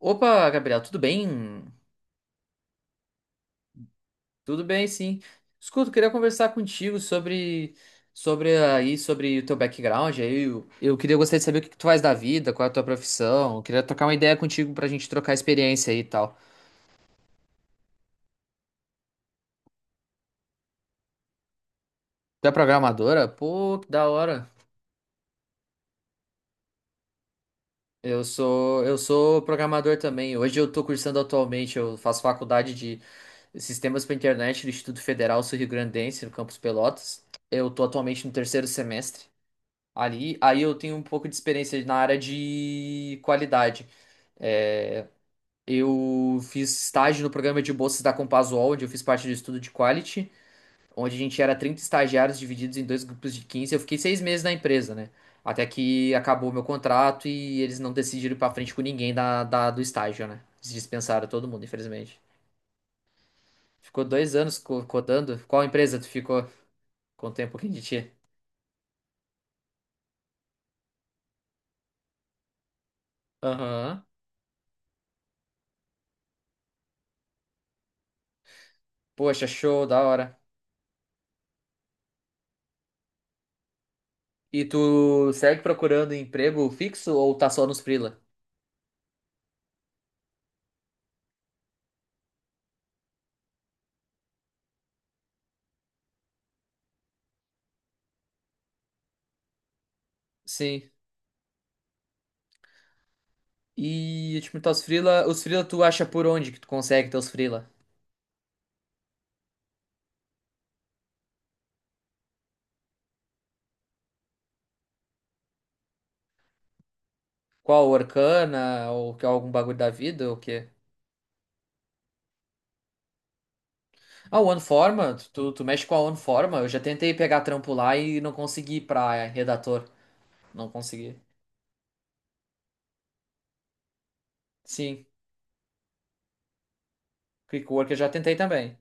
Opa, Gabriel, tudo bem? Tudo bem, sim. Escuta, eu queria conversar contigo sobre o teu background. Aí eu queria gostaria de saber o que que tu faz da vida, qual é a tua profissão. Eu queria trocar uma ideia contigo pra gente trocar experiência aí e tal. Tu é programadora? Pô, que da hora. Eu sou programador também. Hoje eu tô cursando atualmente, eu faço faculdade de Sistemas para Internet do Instituto Federal Sul-Rio-Grandense, no campus Pelotas. Eu tô atualmente no terceiro semestre ali. Aí eu tenho um pouco de experiência na área de qualidade. É, eu fiz estágio no programa de bolsas da Compasuol, onde eu fiz parte do estudo de quality, onde a gente era 30 estagiários divididos em dois grupos de 15. Eu fiquei 6 meses na empresa, né? Até que acabou meu contrato e eles não decidiram ir pra frente com ninguém do estágio, né? Eles dispensaram todo mundo, infelizmente. Ficou 2 anos codando. Qual empresa tu ficou? Contei um pouquinho de ti. Aham. Poxa, show, da hora. E tu segue procurando emprego fixo ou tá só nos freela? Sim. E tipo, tá os freela tu acha por onde que tu consegue teus freela? Qual, Orkana ou que algum bagulho da vida ou o quê? Ah, o OneForma, tu mexe com a OneForma? Eu já tentei pegar trampo lá e não consegui pra redator, não consegui. Sim, Quickwork eu já tentei também.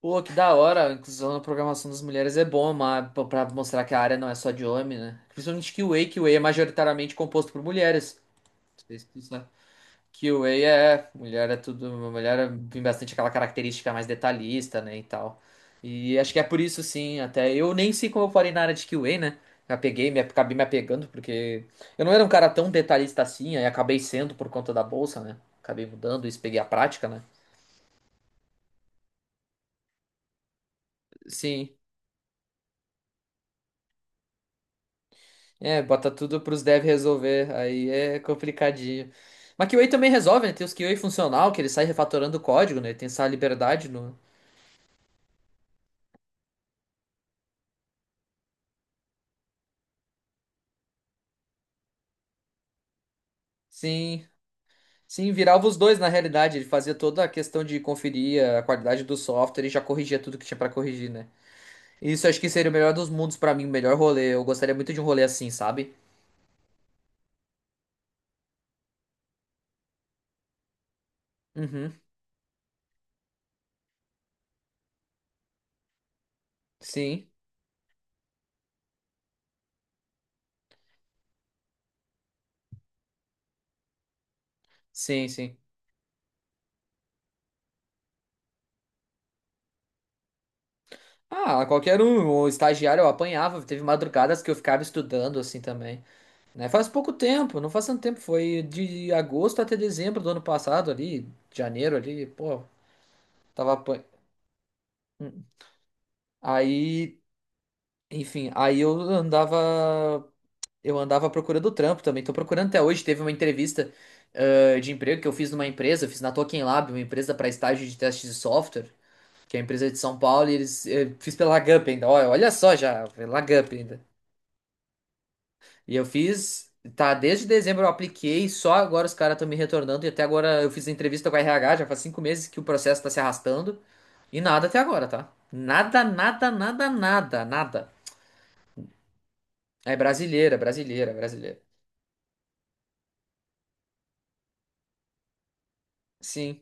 Pô, que da hora, a inclusão na programação das mulheres é bom, mas pra mostrar que a área não é só de homem, né? Principalmente que o QA é majoritariamente composto por mulheres. QA é, mulher é tudo, tem bastante aquela característica mais detalhista, né, e tal. E acho que é por isso, sim, até eu nem sei como eu parei na área de QA, né? Acabei me apegando, porque eu não era um cara tão detalhista assim, aí acabei sendo por conta da bolsa, né? Acabei mudando isso, peguei a prática, né? Sim, é, bota tudo pros devs resolver, aí é complicadinho. Mas QA também resolve, né? Tem os QA funcional, que ele sai refatorando o código, né? Tem essa liberdade no... Sim. Sim, virava os dois na realidade. Ele fazia toda a questão de conferir a qualidade do software e já corrigia tudo que tinha pra corrigir, né? Isso acho que seria o melhor dos mundos pra mim, o melhor rolê. Eu gostaria muito de um rolê assim, sabe? Uhum. Sim, sim, sim. Ah, qualquer um, o estagiário eu apanhava. Teve madrugadas que eu ficava estudando assim também, né? Faz pouco tempo, não faz tanto tempo, foi de agosto até dezembro do ano passado ali, janeiro ali, pô, tava apan... Hum. Aí, enfim, aí eu andava Eu andava procurando trampo também. Tô procurando até hoje. Teve uma entrevista, de emprego que eu fiz numa empresa, eu fiz na Token Lab, uma empresa para estágio de testes de software, que é a empresa de São Paulo, e fiz pela Lagup ainda. Olha, olha só já, pela Lagup ainda. E eu fiz, tá, desde dezembro eu apliquei, só agora os caras estão me retornando, e até agora eu fiz entrevista com a RH, já faz 5 meses que o processo tá se arrastando, e nada até agora, tá? Nada, nada, nada, nada, nada. É brasileira, brasileira, brasileira. Sim.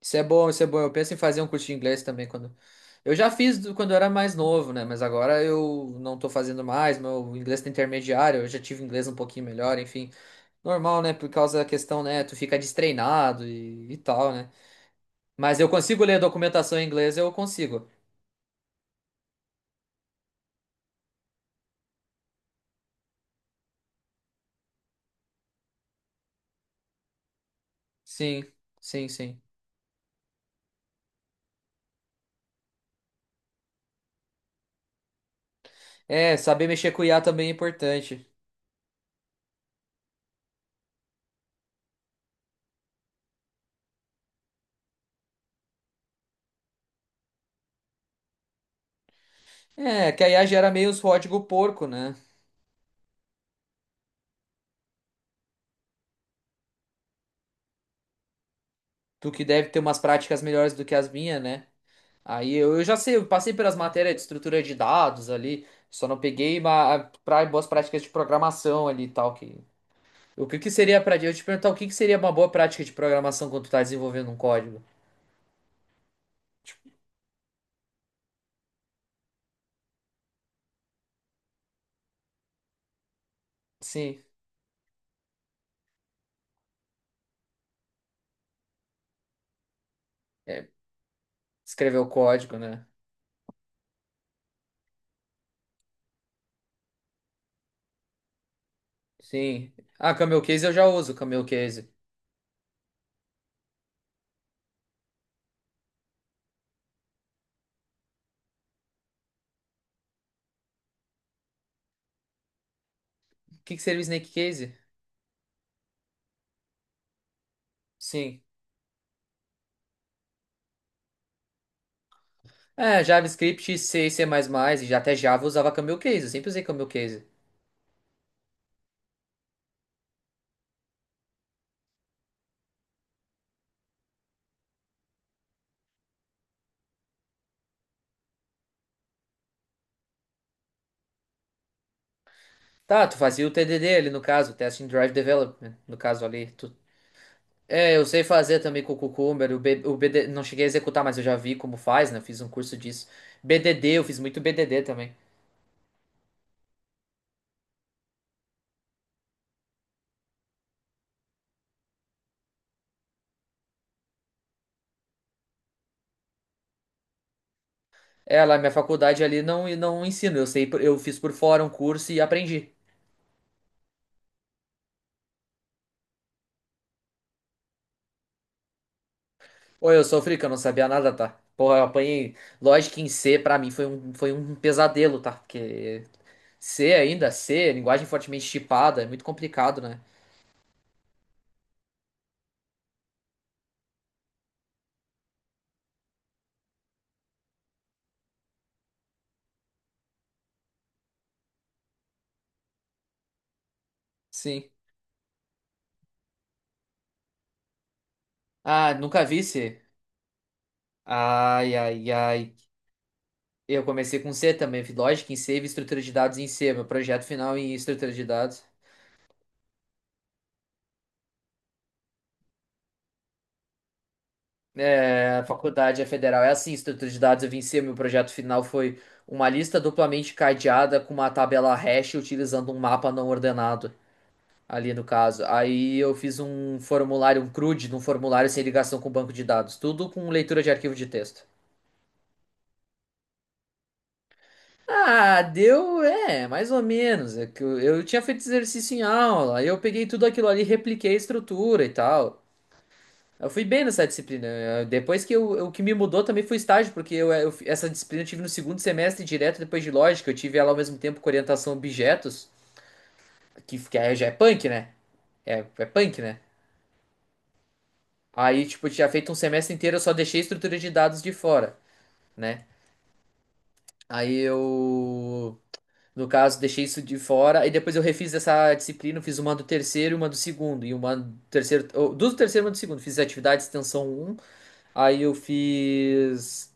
Isso é bom, isso é bom. Eu penso em fazer um curso de inglês também quando. Eu já fiz quando eu era mais novo, né? Mas agora eu não tô fazendo mais. Meu inglês tá intermediário, eu já tive inglês um pouquinho melhor, enfim. Normal, né? Por causa da questão, né? Tu fica destreinado e tal, né? Mas eu consigo ler documentação em inglês, eu consigo. Sim, sim, sim. É, saber mexer com IA também é importante. É, que a IA gera meio os código porco, né? Tu que deve ter umas práticas melhores do que as minhas, né? Aí eu já sei, eu passei pelas matérias de estrutura de dados ali, só não peguei pra, boas práticas de programação ali e tal. Que, o que, que seria pra. Eu te perguntar o que, que seria uma boa prática de programação quando tu tá desenvolvendo um código? Tipo, sim, é, escrever o código, né? Sim. Ah, Camel Case eu já uso, Camel Case. O que, que seria o Snake Case? Sim. É, JavaScript, C, C++, e já até Java eu usava Camel Case, eu sempre usei Camel Case. Tá, tu fazia o TDD ali no caso, Testing Drive Development, no caso ali. Tu É, eu sei fazer também com o Cucumber, o BD, não cheguei a executar, mas eu já vi como faz, né? Eu fiz um curso disso. BDD, eu fiz muito BDD também. É, lá minha faculdade ali não, não ensino, eu sei, eu fiz por fora um curso e aprendi. Ou eu sofri que eu não sabia nada, tá? Porra, eu apanhei. Lógico que em C pra mim foi um pesadelo, tá? Porque C ainda, C, linguagem fortemente tipada, é muito complicado, né? Sim. Ah, nunca vi C. Ai, ai, ai. Eu comecei com C também, fiz lógica em C, e estrutura de dados em C, meu projeto final em estrutura de dados. É, a faculdade é federal, é assim, estrutura de dados eu vim em C, meu projeto final foi uma lista duplamente cadeada com uma tabela hash utilizando um mapa não ordenado, ali no caso. Aí eu fiz um formulário, um CRUD, de um formulário sem ligação com o banco de dados, tudo com leitura de arquivo de texto. Ah, deu, é, mais ou menos. É que eu tinha feito exercício em aula, aí eu peguei tudo aquilo ali, repliquei a estrutura e tal. Eu fui bem nessa disciplina. Depois que eu, o que me mudou também foi o estágio, porque essa disciplina eu tive no segundo semestre direto depois de lógica. Eu tive ela ao mesmo tempo com orientação a objetos, que aí já é punk, né? É punk, né? Aí, tipo, eu tinha feito um semestre inteiro, eu só deixei estrutura de dados de fora, né? Aí eu, no caso, deixei isso de fora. E depois eu refiz essa disciplina, eu fiz uma do terceiro e uma do segundo. E uma do terceiro, ou, duas do terceiro e uma do segundo. Fiz atividade de extensão um. Aí eu fiz.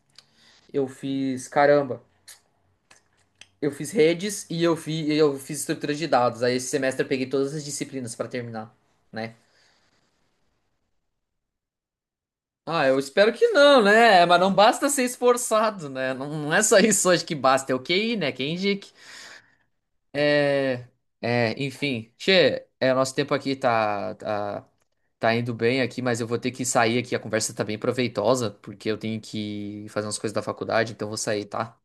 Eu fiz, caramba. Eu fiz redes e eu fiz estrutura de dados. Aí esse semestre eu peguei todas as disciplinas pra terminar, né? Ah, eu espero que não, né? Mas não basta ser esforçado, né? Não, não é só isso hoje que basta, é o QI, né? Quem indique. É, enfim. Nosso tempo aqui tá indo bem aqui, mas eu vou ter que sair aqui. A conversa tá bem proveitosa, porque eu tenho que fazer umas coisas da faculdade, então eu vou sair, tá?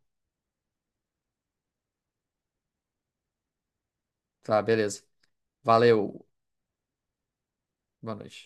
Tá, beleza. Valeu. Boa noite.